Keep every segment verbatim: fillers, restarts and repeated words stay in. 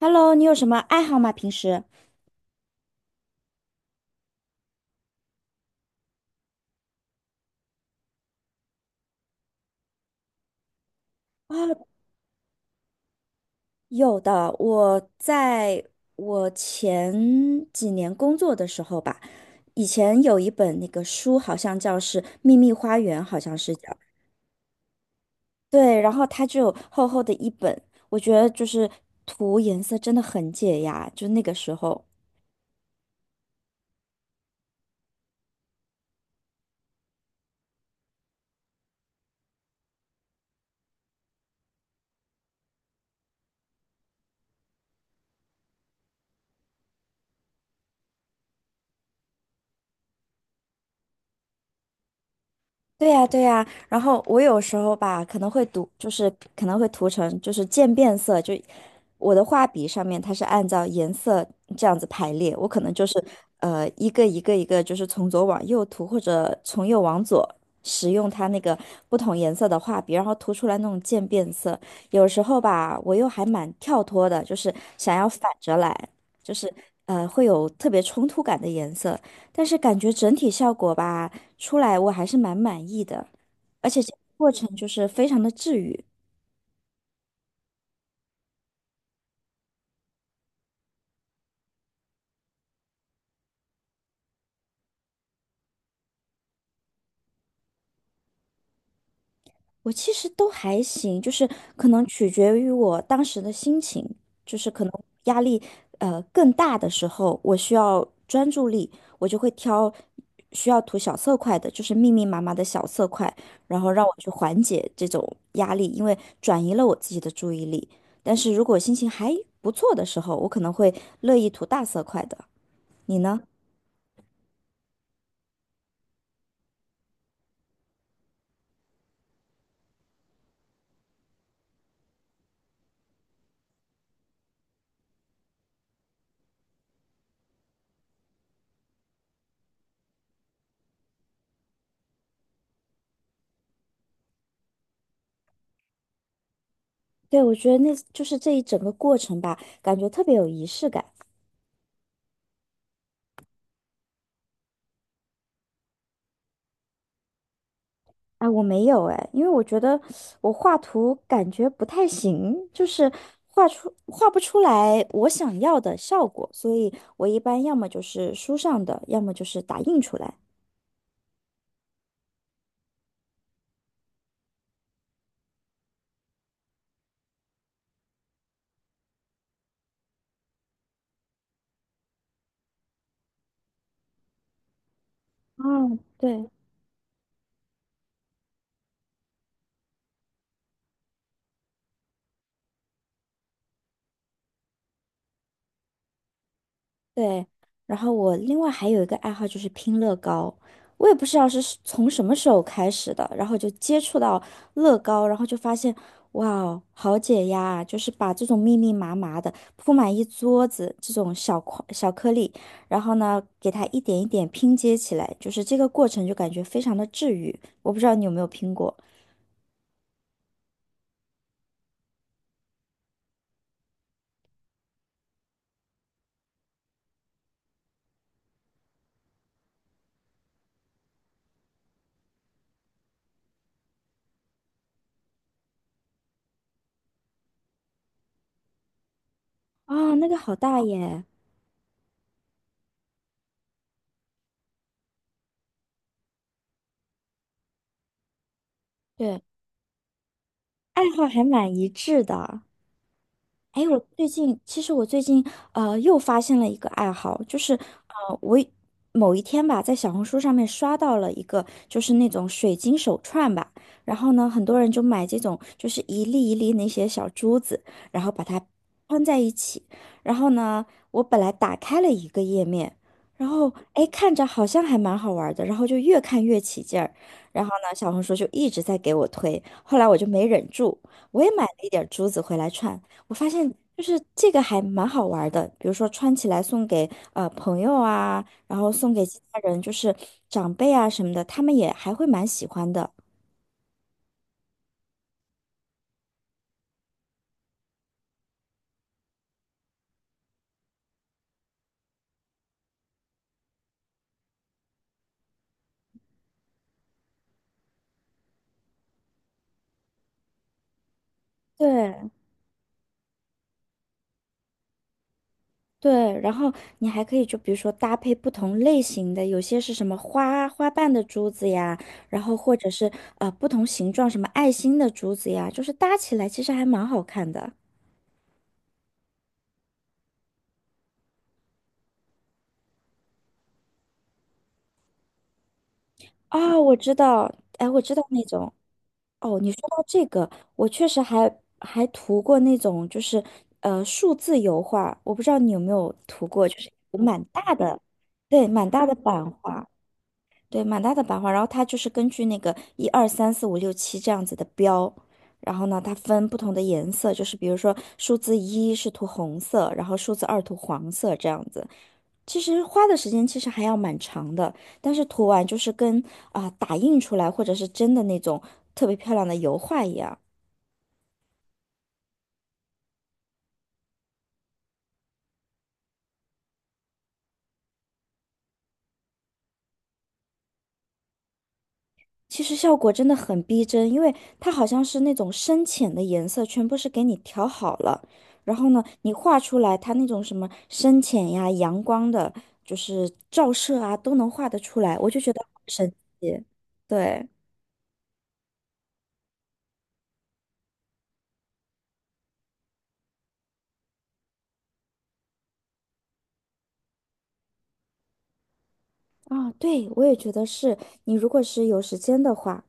Hello，你有什么爱好吗？平时啊，有的。我在我前几年工作的时候吧，以前有一本那个书，好像叫是《秘密花园》，好像是叫。对，然后它就有厚厚的一本，我觉得就是涂颜色真的很解压，就那个时候。对呀，对呀，然后我有时候吧，可能会读，就是可能会涂成就是渐变色，就我的画笔上面它是按照颜色这样子排列，我可能就是呃一个一个一个就是从左往右涂，或者从右往左，使用它那个不同颜色的画笔，然后涂出来那种渐变色。有时候吧，我又还蛮跳脱的，就是想要反着来，就是呃会有特别冲突感的颜色，但是感觉整体效果吧，出来我还是蛮满意的，而且这个过程就是非常的治愈。我其实都还行，就是可能取决于我当时的心情，就是可能压力呃更大的时候，我需要专注力，我就会挑需要涂小色块的，就是密密麻麻的小色块，然后让我去缓解这种压力，因为转移了我自己的注意力。但是如果心情还不错的时候，我可能会乐意涂大色块的。你呢？对，我觉得那就是这一整个过程吧，感觉特别有仪式感。啊！我没有哎，因为我觉得我画图感觉不太行，就是画出画不出来我想要的效果，所以我一般要么就是书上的，要么就是打印出来。哦，对，对，然后我另外还有一个爱好就是拼乐高，我也不知道是是从什么时候开始的，然后就接触到乐高，然后就发现，哇哦，好解压啊！就是把这种密密麻麻的铺满一桌子这种小块小颗粒，然后呢，给它一点一点拼接起来，就是这个过程就感觉非常的治愈。我不知道你有没有拼过啊，那个好大耶！对，爱好还蛮一致的。哎，我最近其实我最近呃又发现了一个爱好，就是呃我一某一天吧，在小红书上面刷到了一个就是那种水晶手串吧，然后呢，很多人就买这种就是一粒一粒那些小珠子，然后把它穿在一起，然后呢，我本来打开了一个页面，然后哎看着好像还蛮好玩的，然后就越看越起劲儿，然后呢，小红书就一直在给我推，后来我就没忍住，我也买了一点珠子回来串。我发现就是这个还蛮好玩儿的，比如说穿起来送给呃朋友啊，然后送给其他人，就是长辈啊什么的，他们也还会蛮喜欢的。对对，然后你还可以就比如说搭配不同类型的，有些是什么花花瓣的珠子呀，然后或者是呃不同形状什么爱心的珠子呀，就是搭起来其实还蛮好看的。哦，我知道，哎，我知道那种。哦，你说到这个，我确实还还涂过那种就是呃数字油画，我不知道你有没有涂过，就是有蛮大的，对，蛮大的版画，对，蛮大的版画，然后它就是根据那个一二三四五六七这样子的标，然后呢，它分不同的颜色，就是比如说数字一是涂红色，然后数字二涂黄色这样子，其实花的时间其实还要蛮长的，但是涂完就是跟啊、打印出来或者是真的那种特别漂亮的油画一样，其实效果真的很逼真，因为它好像是那种深浅的颜色全部是给你调好了，然后呢，你画出来它那种什么深浅呀、阳光的，就是照射啊，都能画得出来，我就觉得好神奇。对，啊，对，我也觉得是，你如果是有时间的话。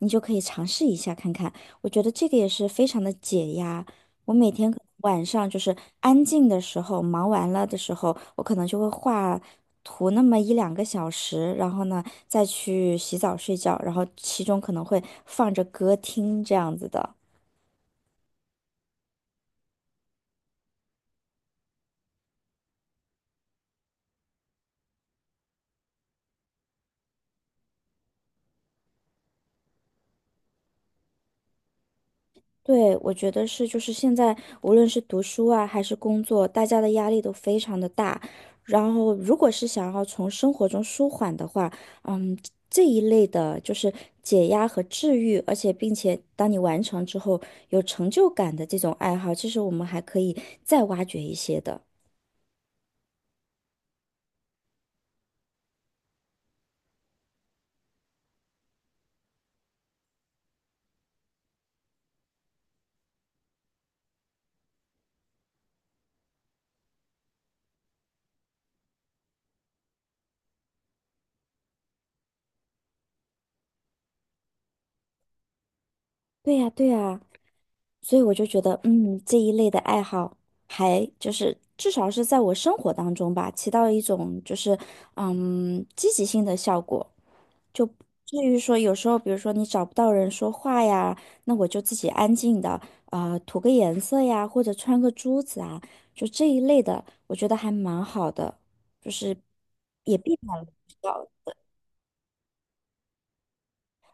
你就可以尝试一下看看。我觉得这个也是非常的解压。我每天可能晚上就是安静的时候，忙完了的时候，我可能就会画图那么一两个小时，然后呢再去洗澡睡觉，然后其中可能会放着歌听这样子的。对，我觉得是，就是现在无论是读书啊，还是工作，大家的压力都非常的大。然后，如果是想要从生活中舒缓的话，这一类的，就是解压和治愈，而且并且当你完成之后有成就感的这种爱好，其实我们还可以再挖掘一些的。对呀，对呀，所以我就觉得，嗯，这一类的爱好还就是至少是在我生活当中吧，起到一种就是嗯积极性的效果。就不至于说有时候，比如说你找不到人说话呀，那我就自己安静的啊、呃涂个颜色呀，或者穿个珠子啊，就这一类的，我觉得还蛮好的，就是也避免了比较。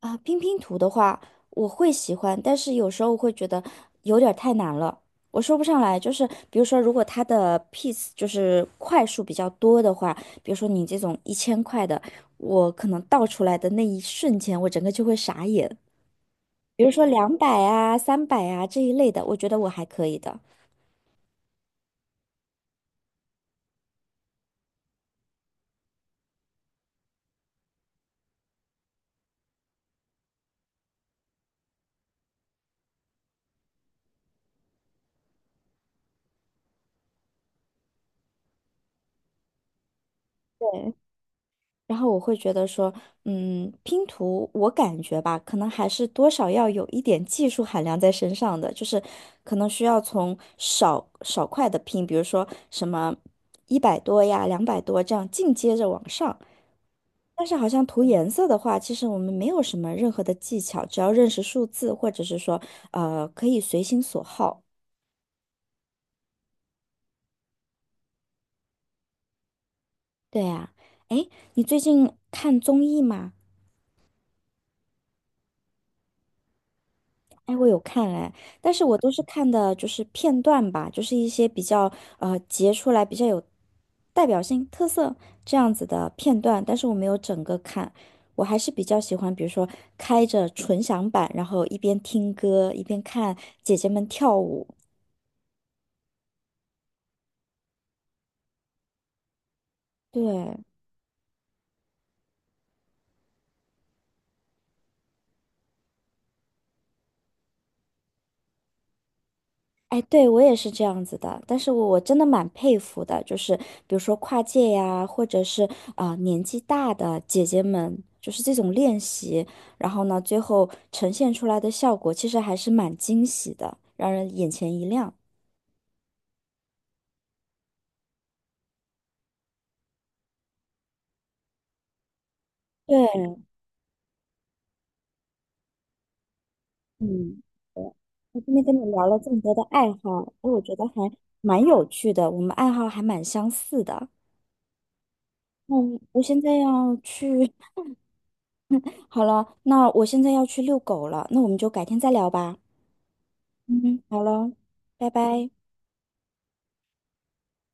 啊，拼拼图的话，我会喜欢，但是有时候会觉得有点儿太难了。我说不上来，就是比如说，如果它的 piece 就是块数比较多的话，比如说你这种一千块的，我可能倒出来的那一瞬间，我整个就会傻眼。比如说两百啊、三百啊这一类的，我觉得我还可以的。对，然后我会觉得说，嗯，拼图我感觉吧，可能还是多少要有一点技术含量在身上的，就是可能需要从少少块的拼，比如说什么一百多呀、两百多这样进阶着往上。但是好像涂颜色的话，其实我们没有什么任何的技巧，只要认识数字，或者是说，呃，可以随心所好。对呀，哎，你最近看综艺吗？哎，我有看哎，但是我都是看的就是片段吧，就是一些比较呃截出来比较有代表性、特色这样子的片段，但是我没有整个看。我还是比较喜欢，比如说开着纯享版，然后一边听歌一边看姐姐们跳舞。对，哎，对，我也是这样子的，但是我我真的蛮佩服的，就是比如说跨界呀，或者是啊、呃年纪大的姐姐们，就是这种练习，然后呢，最后呈现出来的效果其实还是蛮惊喜的，让人眼前一亮。对，嗯，那今天跟你聊了这么多的爱好，哎我觉得还蛮有趣的，我们爱好还蛮相似的。嗯，我现在要去，好了，那我现在要去遛狗了，那我们就改天再聊吧。嗯，好了，拜拜。